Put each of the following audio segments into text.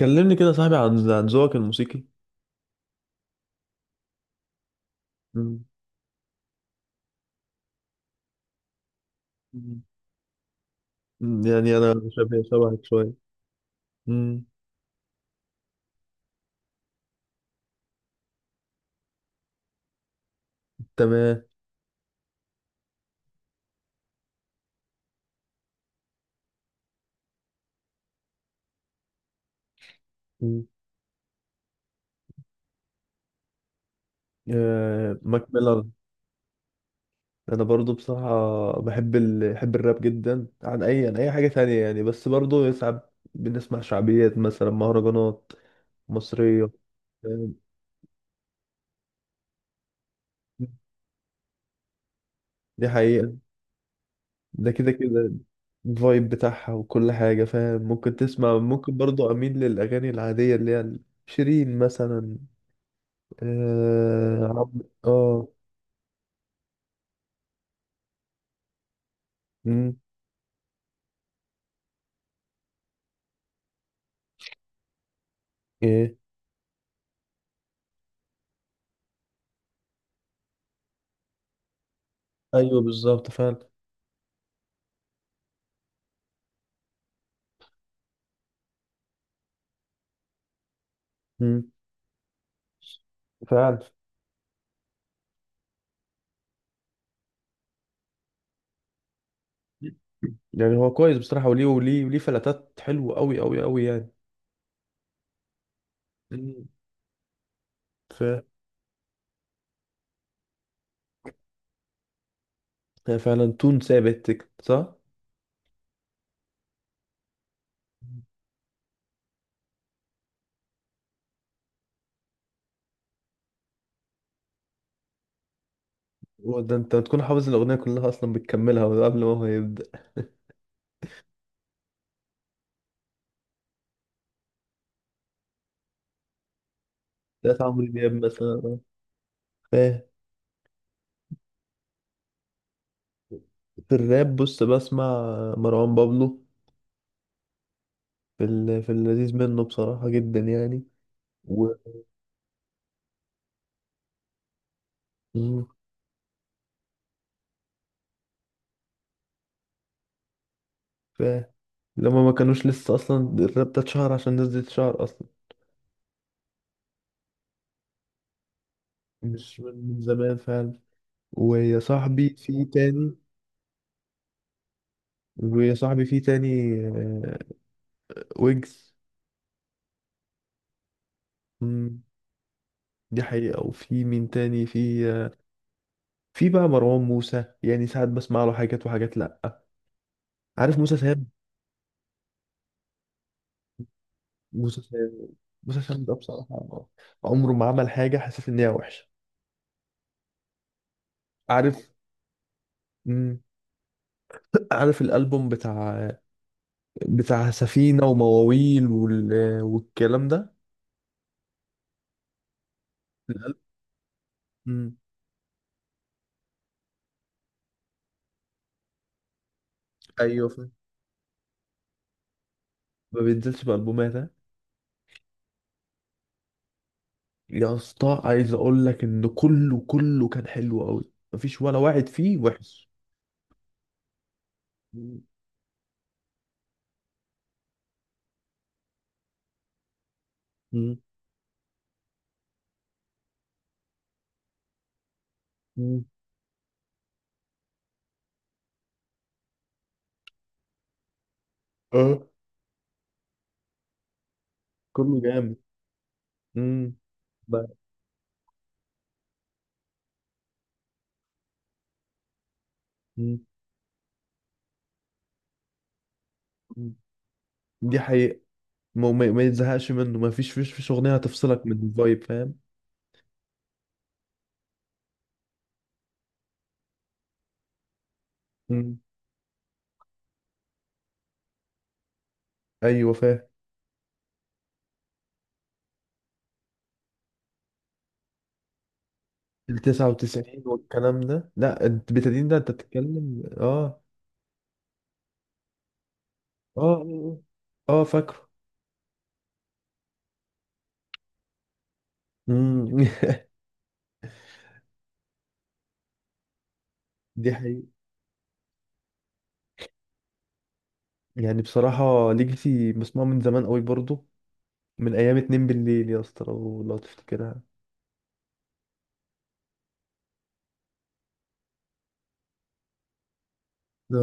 كلمني كده يا صاحبي عن ذوقك الموسيقي. مم. مم. يعني انا شبهك شويه. مم. تمام. مم. آه، ماك ميلر. انا برضو بصراحه بحب الراب جدا عن اي حاجه تانية يعني، بس برضو ساعات بنسمع شعبيات مثلا مهرجانات مصريه. فاهم؟ دي حقيقه. ده كده كده. الفايب بتاعها وكل حاجه، فاهم؟ ممكن تسمع، ممكن برضو اميل للاغاني العاديه اللي هي شيرين مثلا. آه، مم، ايه. ايوه بالظبط فعلا. مم، فعلا. يعني هو كويس بصراحة، وليه فلاتات حلوة أوي يعني. مم. ف هي فعلا تون ثابت كده، صح؟ وده انت تكون حافظ الأغنية كلها أصلا، بتكملها قبل ما هو يبدأ. ده عمرو دياب مثلا. آه. في الراب، بص، بسمع مروان بابلو. في اللذيذ منه بصراحة جدا يعني. و مم. لما ما كانوش لسه اصلا الراب ده اتشهر عشان الناس دي تتشهر اصلا. مش من زمان فعلا. ويا صاحبي في تاني. ويا صاحبي في تاني، آه، ويجز. مم، دي حقيقة. وفي مين تاني؟ في، آه، في بقى مروان موسى. يعني ساعات بسمع له حاجات، وحاجات لأ. عارف موسى سام. موسى سام. موسى سام ده بصراحة عمره ما عمل حاجة حسيت إن هي وحشة. عارف؟ مم، عارف الألبوم بتاع سفينة ومواويل آه، والكلام ده. الألبوم. ايوه فاهم. ما بينزلش بألبومات ها؟ يا اسطى عايز اقول لك ان كله كان حلو قوي، مفيش ولا واحد فيه وحش. مم. مم. مم. اه، كله جامد. مم. ب- مم. مم. دي حقيقة. ما يتزهقش منه، مفيش فيش فيش اغنية هتفصلك من الفايب، فاهم؟ مم. ايوه فاهم. ال 99 والكلام ده؟ لا، انت بتدين، ده انت بتتكلم. اه، اه، آه، فاكره. مم. دي حقيقة. يعني بصراحة ليجاسي مسموع من زمان قوي برضه، من أيام اتنين بالليل يا اسطى، لو تفتكرها. ده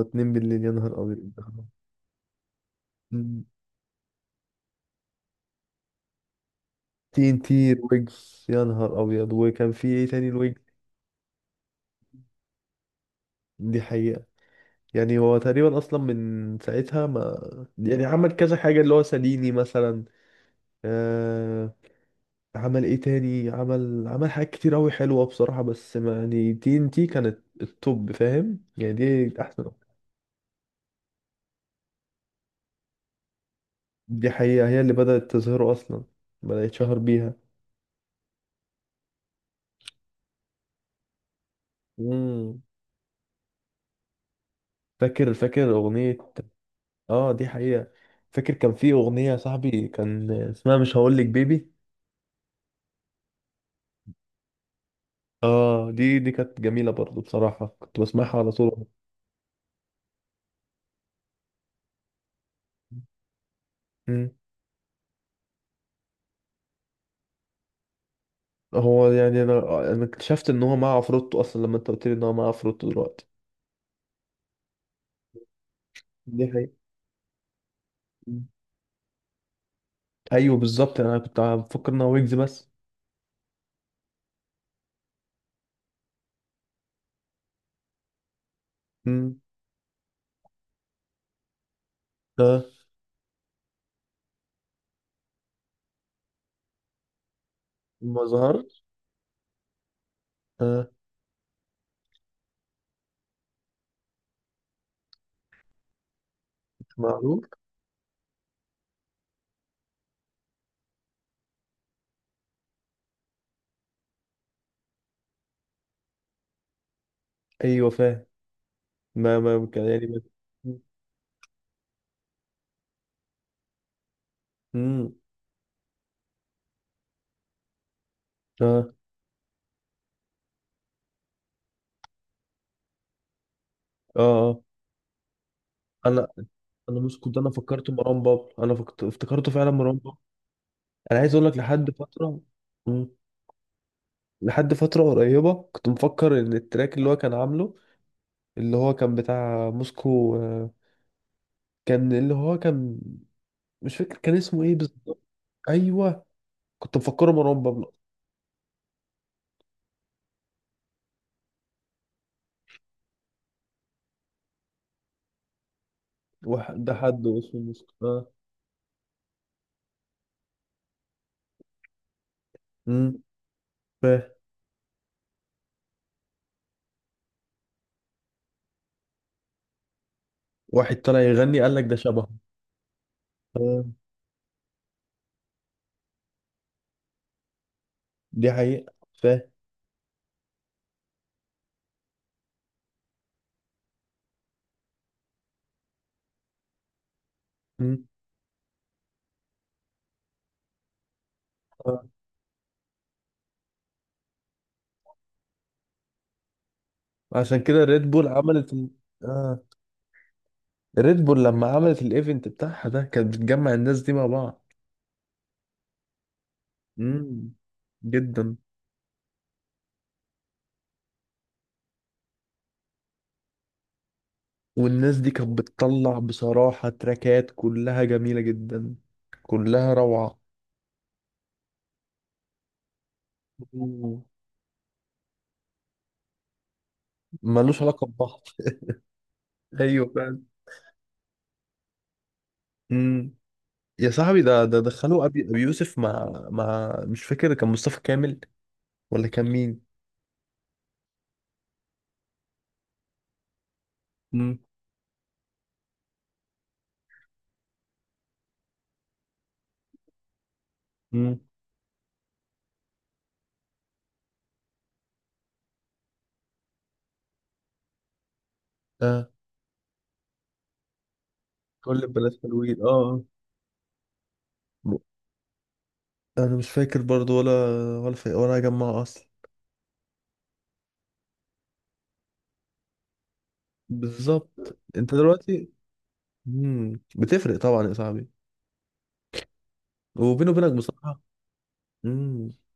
اتنين بالليل يا نهار أبيض. تي ان تي ويجز، يا نهار أبيض. وكان في ايه تاني الويجز؟ دي حقيقة. يعني هو تقريبا أصلا من ساعتها ما يعني عمل كذا حاجة اللي هو ساليني مثلا، آه... عمل ايه تاني؟ عمل حاجات كتير أوي حلوة بصراحة، بس ما يعني تي ان تي كانت التوب، فاهم يعني؟ دي أحسن. دي حقيقة. هي اللي بدأت تظهره أصلا. بدأ يتشهر بيها. امم، فاكر أغنية. اه، دي حقيقة. فاكر كان في أغنية يا صاحبي، كان اسمها مش هقولك بيبي. اه، دي كانت جميلة برضو بصراحة، كنت بسمعها على طول. مم. هو يعني انا اكتشفت ان هو مع عفروتو اصلا لما انت قلت لي ان هو مع عفروتو دلوقتي. دي حقيقة. مم. ايوه بالظبط، انا كنت بفكر ان هو ويجز بس. مم. اه. ما ظهر. اه. معروف. ايوه فاهم. ما كان يعني ما. امم. اه. اه. اه انا انا مش كنت، انا فكرت مروان بابلو، انا افتكرته فعلا مروان بابلو. انا عايز اقول لك لحد فتره. مم. لحد فتره قريبه كنت مفكر ان التراك اللي هو كان عامله، اللي هو كان بتاع موسكو، آه، كان اللي هو كان، مش فاكر كان اسمه ايه بالظبط. ايوه، كنت مفكره مروان بابلو. واحد ده حد اسمه موسكو، اه. امم. فاه. واحد طلع يغني قال لك ده شبهه. آه، دي حقيقه. فاه. عشان كده ريد بول عملت اه، ريد بول لما عملت الايفنت بتاعها ده كانت بتجمع الناس دي مع بعض. امم، جدا. والناس دي كانت بتطلع بصراحة تراكات كلها جميلة جدا، كلها روعة. مم. ملوش علاقة ببعض. ايوه فعلا. امم. يا صاحبي ده دخلوا ابي يوسف مع مع مش فاكر، كان مصطفى كامل ولا كان مين؟ امم. امم. اه. كل البنات حلوين، اه. آه. انا مش فاكر برضو، ولا ولا فاكر، ولا هجمع اصلا. بالظبط. انت دلوقتي. مم. بتفرق طبعا يا صاحبي، وبيني وبينك بصراحه. مم.